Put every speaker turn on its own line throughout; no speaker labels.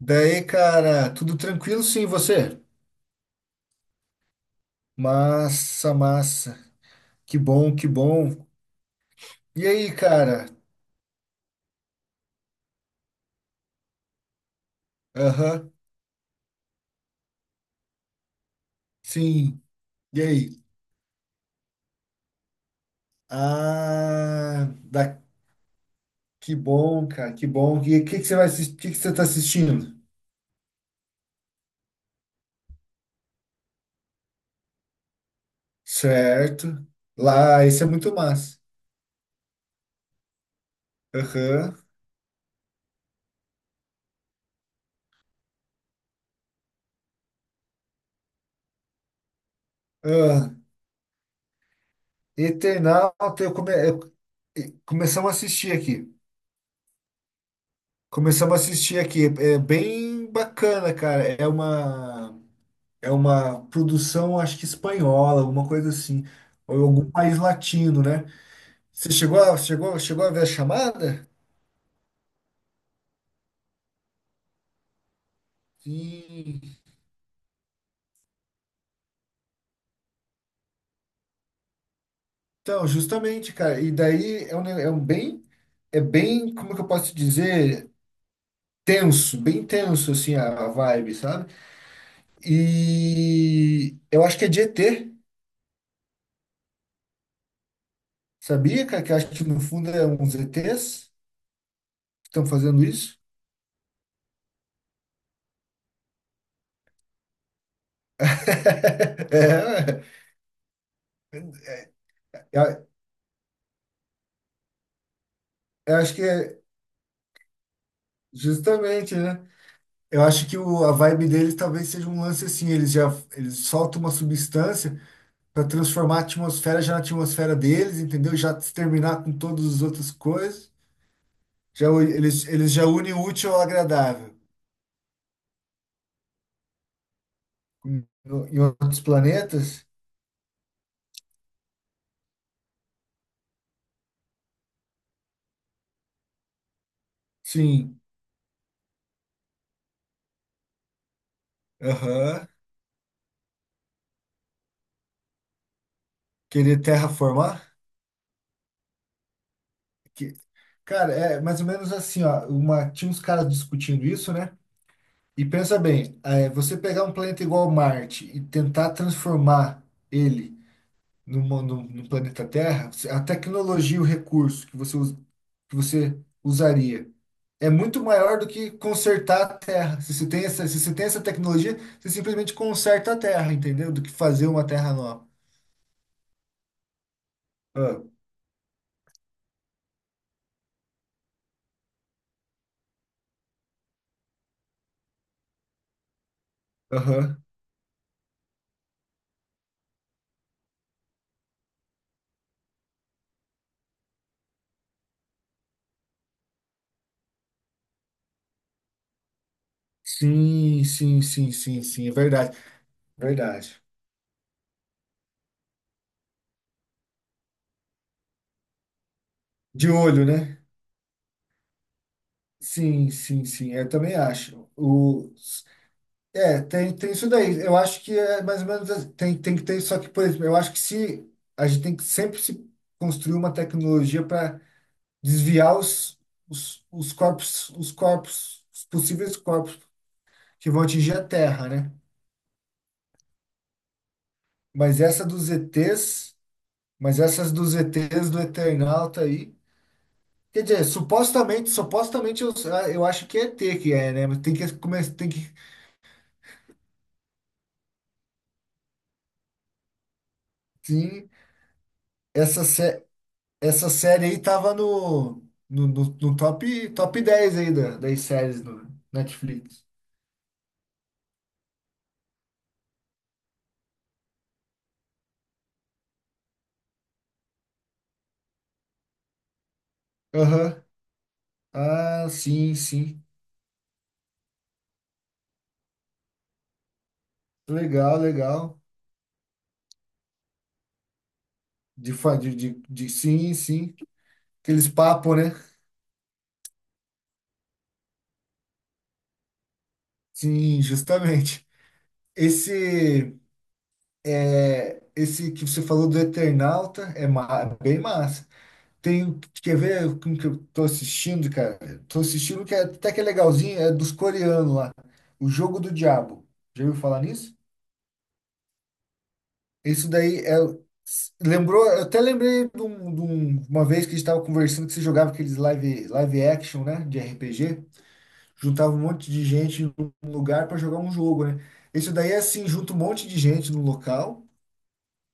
Daí, cara, tudo tranquilo sim, e você? Massa, massa. Que bom, que bom. E aí, cara? Aham, sim. E aí? Ah, Que bom, cara, que bom. E o que que você vai assistir? Que você tá assistindo? Certo. Lá, esse é muito massa. Aham. Ah, Eternauta, eu, come... eu- e- começamos a assistir aqui. Começamos a assistir aqui. É bem bacana, cara. É uma produção, acho que espanhola, alguma coisa assim, ou algum país latino, né? Você chegou a ver a chamada? Sim. Então, justamente, cara, e daí é bem, como que eu posso dizer, tenso, bem tenso, assim, a vibe, sabe? E eu acho que é de ET, sabia, cara? Que eu acho que no fundo é uns ETs que estão fazendo isso. É, eu eu acho que é justamente, né? Eu acho que a vibe deles talvez seja um lance assim, eles soltam uma substância para transformar a atmosfera já na atmosfera deles, entendeu? Já exterminar com todas as outras coisas. Eles já unem o útil ao agradável. Em outros planetas? Sim. Aham. Querer terraformar? Que, cara, é mais ou menos assim, ó, tinha uns caras discutindo isso, né? E pensa bem, é, você pegar um planeta igual Marte e tentar transformar ele no planeta Terra, a tecnologia, e o recurso que você usaria é muito maior do que consertar a Terra. Se você tem essa tecnologia, você simplesmente conserta a Terra, entendeu? Do que fazer uma Terra nova. Ah, aham. Sim, sim, sim, sim, sim, é verdade, verdade. De olho, né? Sim, sim, sim, eu também acho. É, tem isso daí. Eu acho que é mais ou menos assim. Tem que ter, só que, por exemplo, eu acho que se a gente tem que sempre se construir uma tecnologia para desviar os corpos, os possíveis corpos que vão atingir a Terra, né? Mas essa dos ETs, mas essas dos ETs do Eternauta aí. Quer dizer, supostamente, supostamente eu acho que é ET que é, né? Mas tem que começar, tem que. Sim, essa, sé- Essa série aí tava no top 10 aí das séries do Netflix. Aham. Ah, sim, sim. Legal, legal. De, fa- de- Sim, sim. Aqueles papos, né? Sim, justamente. Esse, esse que você falou do Eternauta é bem massa. Quer ver como que eu tô assistindo, cara? Tô assistindo até que é legalzinho, é dos coreanos lá. O Jogo do Diabo. Já ouviu falar nisso? Isso daí é, lembrou, eu até lembrei de uma vez que a gente estava conversando que você jogava aqueles live, live action, né, de RPG, juntava um monte de gente em um lugar para jogar um jogo, né? Isso daí é assim, junta um monte de gente no local,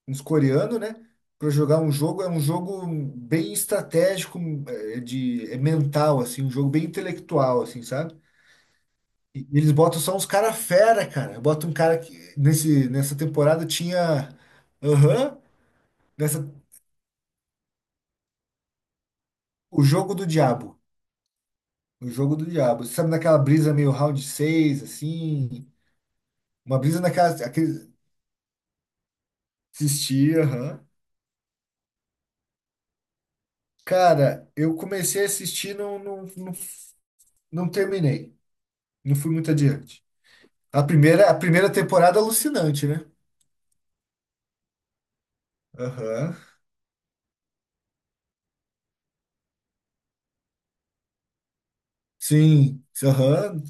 uns coreanos, né, para jogar um jogo, é um jogo bem estratégico, é, de é mental assim, um jogo bem intelectual assim, sabe? E eles botam só uns cara fera, cara. Bota um cara que nesse nessa temporada tinha. Aham. Nessa O Jogo do Diabo. O Jogo do Diabo. Sabe naquela brisa meio round 6 assim? Uma brisa naquela. Assistia, aham. Cara, eu comecei a assistir, não terminei. Não fui muito adiante. A primeira temporada é alucinante, né? Aham. Sim, aham.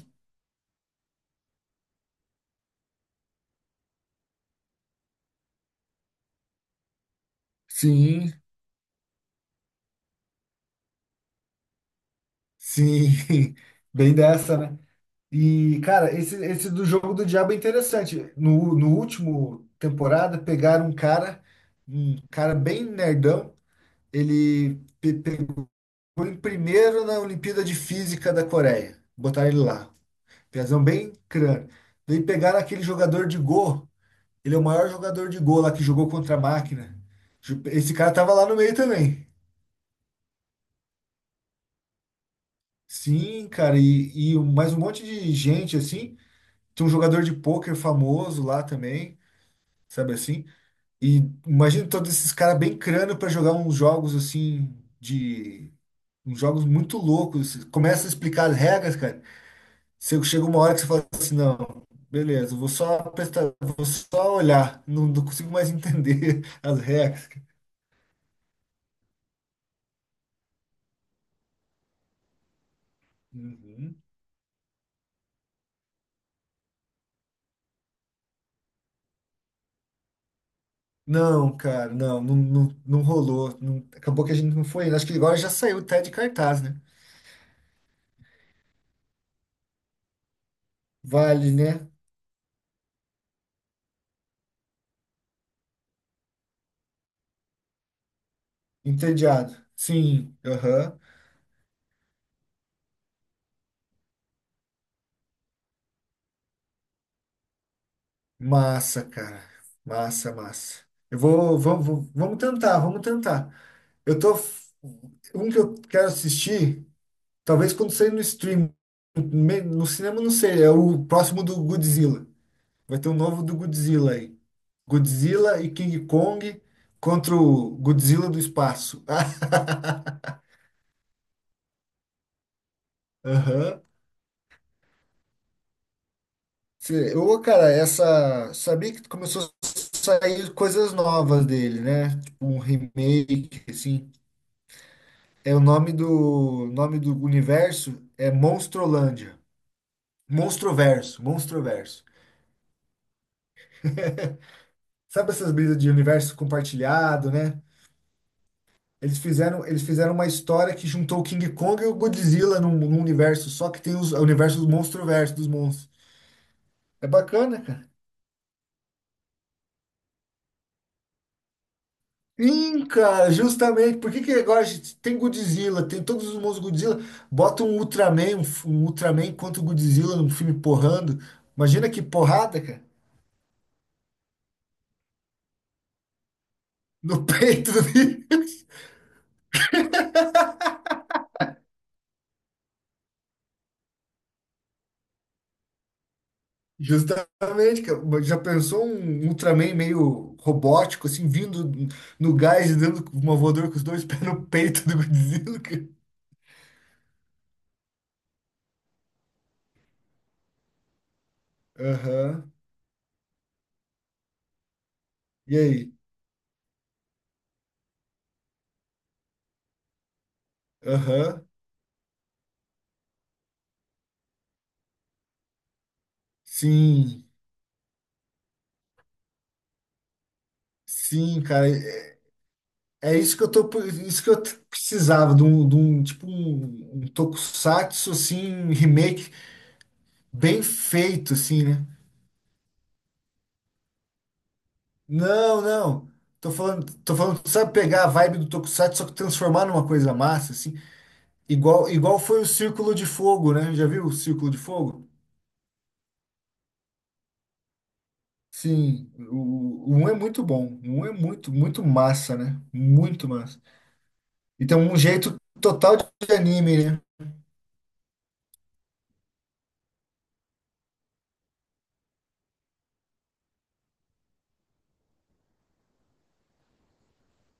Sim, sim. Bem dessa, né? E, cara, esse do Jogo do Diabo é interessante. No último temporada, pegaram um cara bem nerdão. Ele pegou em primeiro na Olimpíada de Física da Coreia. Botaram ele lá. Piazão bem crânio. Daí pegaram aquele jogador de Go. Ele é o maior jogador de Go lá que jogou contra a máquina. Esse cara tava lá no meio também. Sim, cara, e mais um monte de gente assim. Tem um jogador de pôquer famoso lá também, sabe assim? E imagina todos esses caras bem crânio para jogar uns jogos assim de uns jogos muito loucos. Assim, começa a explicar as regras, cara. Você chega uma hora que você fala assim, não, beleza, eu vou só prestar, vou só olhar, não consigo mais entender as regras. Uhum. Não, cara, não rolou. Acabou que a gente não foi. Acho que agora já saiu até de cartaz, né? Vale, né? Entediado. Sim, aham. Massa, cara. Massa, massa. Vamos tentar, vamos tentar. Eu tô. Um que eu quero assistir, talvez quando sair no stream, no cinema não sei, é o próximo do Godzilla. Vai ter um novo do Godzilla aí. Godzilla e King Kong contra o Godzilla do espaço. Aham. Ô, cara, essa. Sabia que começou a sair coisas novas dele, né? Tipo um remake, assim. É o nome do universo é Monstrolândia. Monstroverso, Monstroverso. Sabe essas brisas de universo compartilhado, né? Eles fizeram uma história que juntou o King Kong e o Godzilla num universo só que tem o universo dos Monstroverso, dos monstros. É bacana, cara. Sim, cara, justamente. Por que que agora a gente tem Godzilla, tem todos os monstros Godzilla, bota um Ultraman, um Ultraman contra o Godzilla num filme porrando. Imagina que porrada, cara, no peito do bicho. Justamente, cara. Mas já pensou um Ultraman meio robótico, assim, vindo no gás e dando uma voadora com os dois pés no peito do Godzilla, cara? Aham. E aí? Aham. Sim. Sim, cara. É isso que eu tô, isso que eu t- precisava de um tipo um tokusatsu assim, um remake bem feito assim, né? Não, não. Tô falando, sabe pegar a vibe do tokusatsu só que transformar numa coisa massa assim. Igual foi o Círculo de Fogo, né? Já viu o Círculo de Fogo? Sim, o 1 é muito bom. O 1 é muito, muito massa, né? Muito massa. E tem um jeito total de anime, né?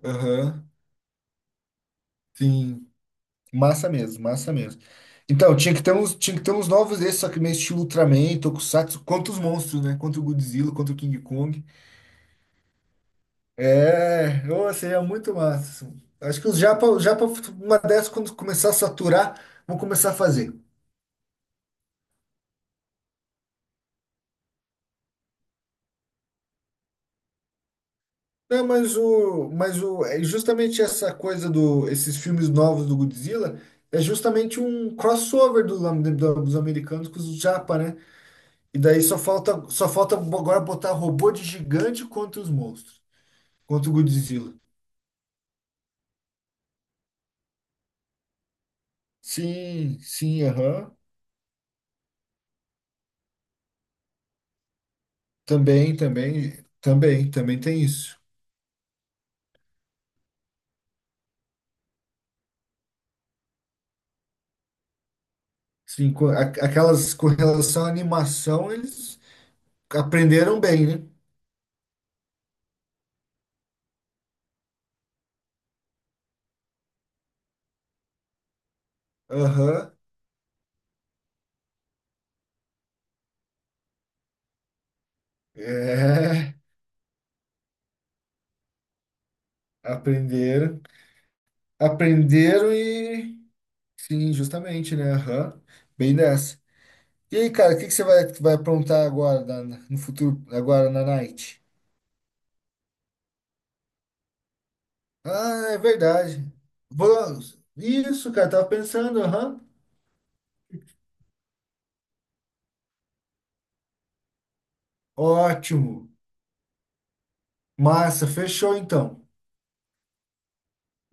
Aham. Sim, massa mesmo, massa mesmo. Então, tinha que ter uns novos desses, só que meio estilo Ultraman, Tokusatsu, contra os monstros, né? Contra o Godzilla, contra o King Kong. É, ô, seria muito massa assim. Acho que os japa, uma dessas, quando começar a saturar, vão começar a fazer. Não, é justamente esses filmes novos do Godzilla é justamente um crossover dos americanos com os japa, né? E daí só falta agora botar robô de gigante contra os monstros, contra o Godzilla. Sim, sim, aham. Também, também, também, também tem isso. Sim, aquelas com relação à animação, eles aprenderam bem, né? Aham. É, aprenderam. Aprenderam e. Sim, justamente, né? Aham. Bem dessa. E aí, cara, o que que você vai aprontar agora, no futuro, agora na night? Ah, é verdade. Vamos. Isso, cara, tava pensando, aham. Ótimo. Massa, fechou então.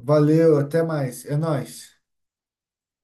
Valeu, até mais. É nóis.